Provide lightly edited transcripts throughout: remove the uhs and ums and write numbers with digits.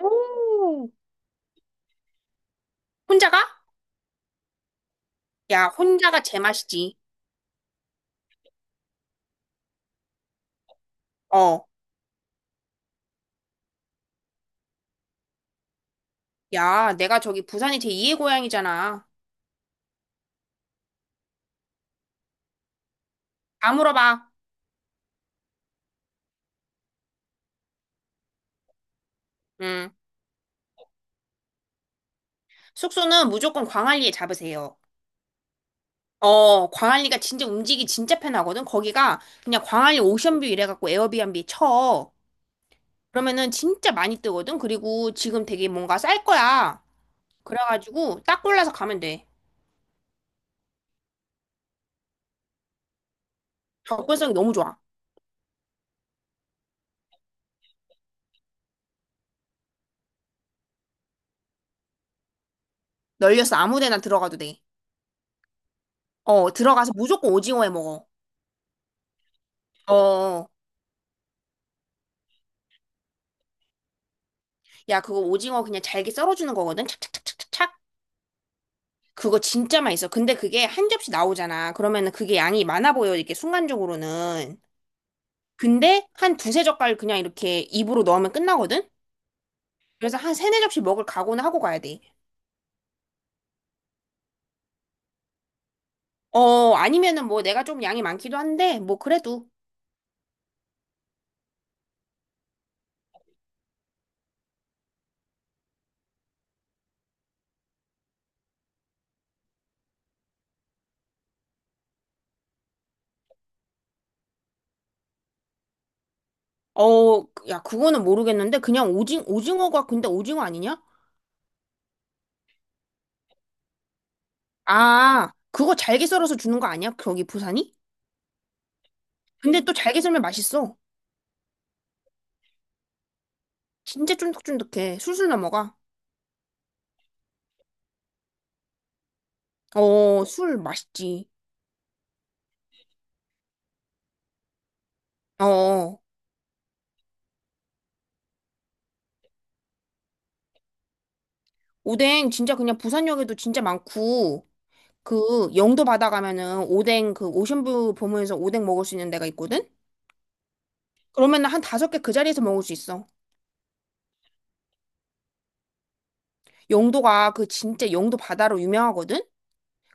오, 혼자가? 야, 혼자가 제맛이지. 어, 야, 내가 저기 부산이 제2의 고향이잖아. 다 물어봐. 음, 숙소는 무조건 광안리에 잡으세요. 어, 광안리가 진짜 움직이기 진짜 편하거든. 거기가 그냥 광안리 오션뷰 이래갖고 에어비앤비 쳐. 그러면은 진짜 많이 뜨거든. 그리고 지금 되게 뭔가 쌀 거야. 그래가지고 딱 골라서 가면 돼. 접근성이 너무 좋아. 널려서 아무 데나 들어가도 돼. 어, 들어가서 무조건 오징어 해 먹어. 어. 야, 그거 오징어 그냥 잘게 썰어주는 거거든? 착착착착착. 그거 진짜 맛있어. 근데 그게 한 접시 나오잖아. 그러면은 그게 양이 많아 보여, 이렇게 순간적으로는. 근데 한 두세 젓갈 그냥 이렇게 입으로 넣으면 끝나거든? 그래서 한 세네 접시 먹을 각오는 하고 가야 돼. 어, 아니면은 뭐 내가 좀 양이 많기도 한데, 뭐 그래도. 어, 야, 그거는 모르겠는데, 그냥 오징어가 근데 오징어 아니냐? 아, 그거 잘게 썰어서 주는 거 아니야? 거기 부산이? 근데 또 잘게 썰면 맛있어. 진짜 쫀득쫀득해. 술술 넘어가. 어, 술 맛있지. 어, 오뎅 진짜 그냥 부산역에도 진짜 많고, 그 영도 바다 가면은 오뎅 그 오션뷰 보면서 오뎅 먹을 수 있는 데가 있거든? 그러면 은 한 다섯 개 그 자리에서 먹을 수 있어. 영도가 그 진짜 영도 바다로 유명하거든?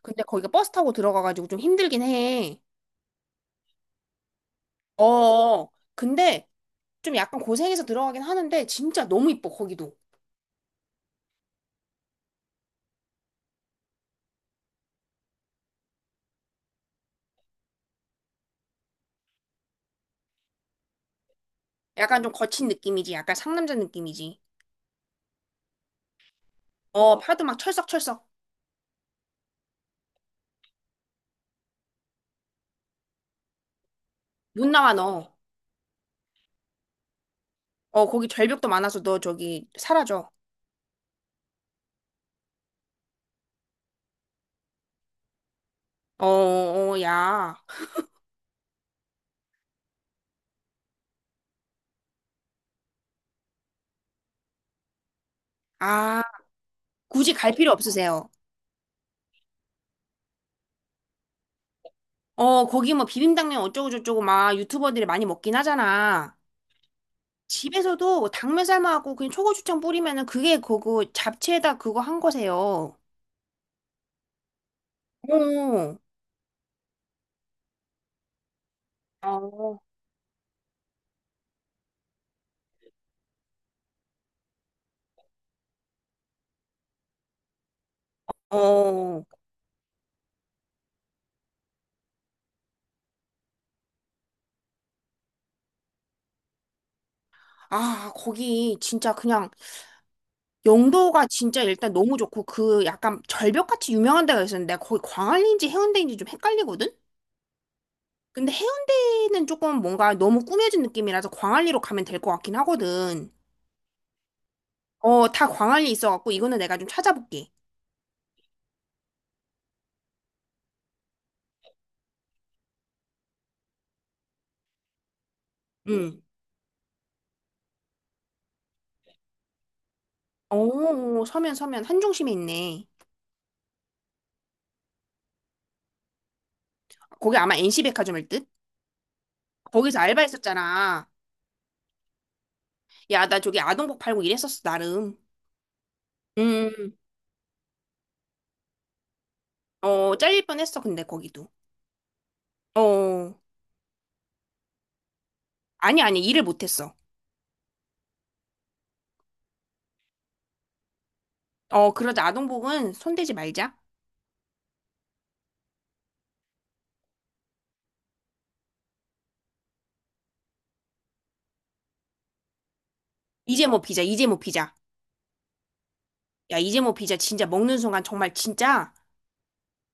근데 거기가 버스 타고 들어가가지고 좀 힘들긴 해. 어, 근데 좀 약간 고생해서 들어가긴 하는데 진짜 너무 이뻐, 거기도. 약간 좀 거친 느낌이지. 약간 상남자 느낌이지. 어, 파도 막 철썩철썩. 못 나와, 너. 어, 거기 절벽도 많아서 너 저기 사라져. 어, 어, 야. 아, 굳이 갈 필요 없으세요. 어, 거기 뭐 비빔당면 어쩌고저쩌고 막 유튜버들이 많이 먹긴 하잖아. 집에서도 뭐 당면 삶아갖고 그냥 초고추장 뿌리면은 그게 그거 잡채에다 그거 한 거세요. 어, 어. 어. 아, 거기 진짜 그냥 영도가 진짜 일단 너무 좋고 그 약간 절벽같이 유명한 데가 있었는데 거기 광안리인지 해운대인지 좀 헷갈리거든? 근데 해운대는 조금 뭔가 너무 꾸며진 느낌이라서 광안리로 가면 될 것 같긴 하거든. 어, 다 광안리 있어갖고 이거는 내가 좀 찾아볼게. 응. 어, 서면 한중심에 있네. 거기 아마 NC백화점일 듯? 거기서 알바했었잖아. 야, 나 저기 아동복 팔고 일했었어, 나름. 음. 어, 잘릴 뻔했어, 근데 거기도. 어. 아니, 아니, 일을 못했어. 어, 그러자. 아동복은 손대지 말자. 이제 뭐 피자, 이제 뭐 피자. 야, 이제 뭐 피자 진짜 먹는 순간 정말 진짜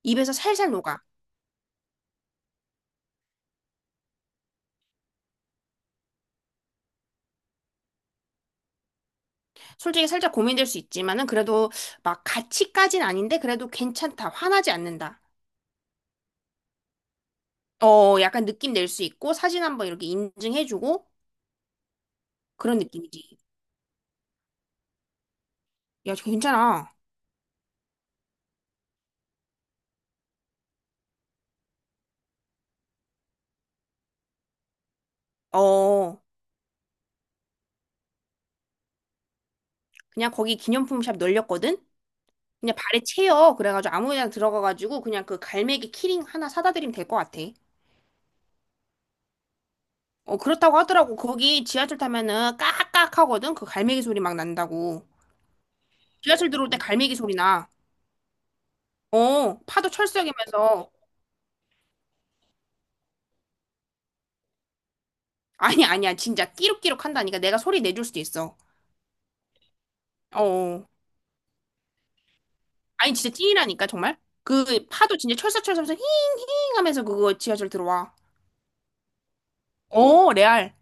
입에서 살살 녹아. 솔직히 살짝 고민될 수 있지만은 그래도 막 같이까진 아닌데 그래도 괜찮다. 화나지 않는다. 어, 약간 느낌 낼 수 있고 사진 한번 이렇게 인증해주고 그런 느낌이지. 야, 저 괜찮아. 어, 그냥 거기 기념품 샵 널렸거든? 그냥 발에 채여. 그래가지고 아무 데나 들어가가지고 그냥 그 갈매기 키링 하나 사다 드리면 될 것 같아. 어, 그렇다고 하더라고. 거기 지하철 타면은 깍깍 하거든? 그 갈매기 소리 막 난다고. 지하철 들어올 때 갈매기 소리 나. 어, 파도 철썩이면서. 아니, 아니야. 진짜 끼룩끼룩 한다니까. 내가 소리 내줄 수도 있어. 어. 어. 아니, 진짜 찐이라니까, 정말. 그 파도 진짜 철썩철썩 힝힝 하면서 그거 지하철 들어와. 어, 레알.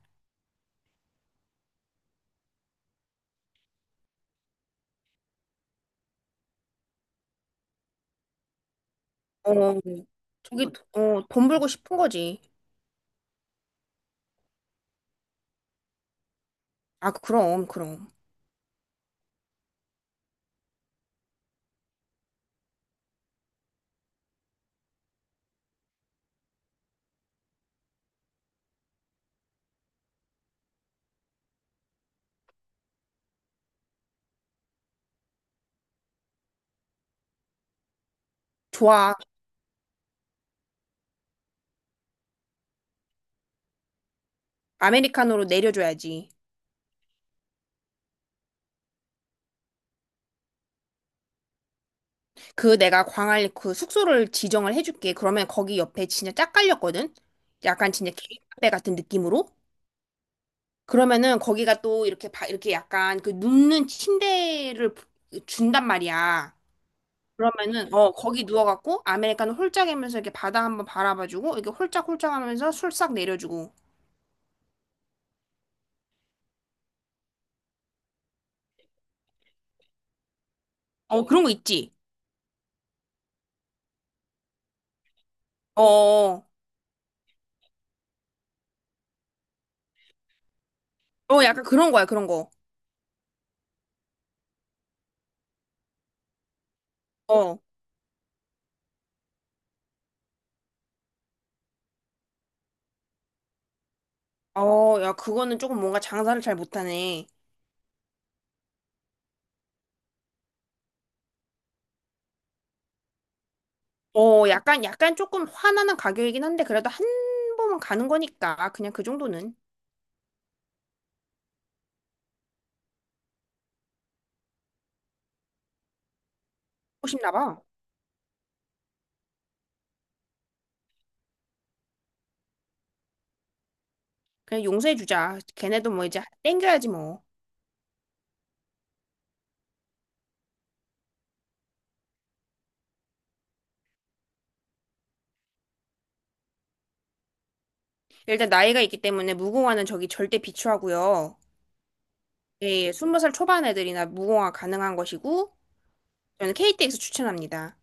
어. 저기, 어, 돈 벌고 싶은 거지. 아, 그럼, 그럼. 좋아. 아메리카노로 내려줘야지. 그 내가 광안리 그 숙소를 지정을 해줄게. 그러면 거기 옆에 진짜 짝 깔렸거든? 약간 진짜 개인 카페 같은 느낌으로? 그러면은 거기가 또 이렇게 바, 이렇게 약간 그 눕는 침대를 부- 준단 말이야. 그러면은 어 거기 누워갖고 아메리카노 홀짝 이면서 이렇게 바다 한번 바라봐주고 이렇게 홀짝홀짝 하면서 술싹 내려주고 어 그런 거 있지. 어어. 어, 어, 약간 그런 거야 그런 거. 어. 어, 야, 그거는 조금 뭔가 장사를 잘 못하네. 어, 약간 약간 조금 화나는 가격이긴 한데 그래도 한 번은 가는 거니까 그냥 그 정도는 하고 싶나 봐. 그냥 용서해주자. 걔네도 뭐 이제 땡겨야지 뭐. 일단 나이가 있기 때문에 무공화는 저기 절대 비추하고요. 예, 20살 초반 애들이나 무공화 가능한 것이고 저는 KTX 추천합니다.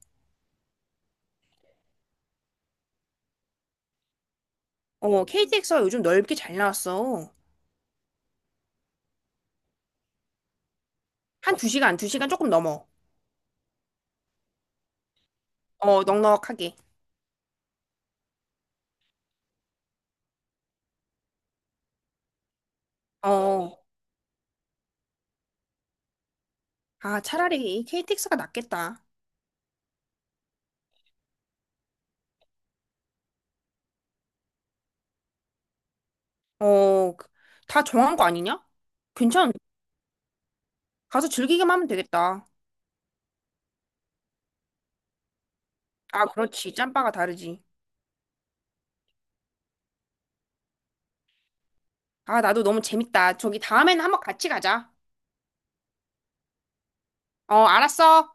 어, KTX가 요즘 넓게 잘 나왔어. 한 2시간, 2시간 조금 넘어. 어, 넉넉하게. 어. 아, 차라리 이 KTX가 낫겠다. 어, 그- 다 정한 거 아니냐? 괜찮. 가서 즐기기만 하면 되겠다. 아, 그렇지. 짬바가 다르지. 아, 나도 너무 재밌다. 저기 다음에는 한번 같이 가자. 어, 알았어.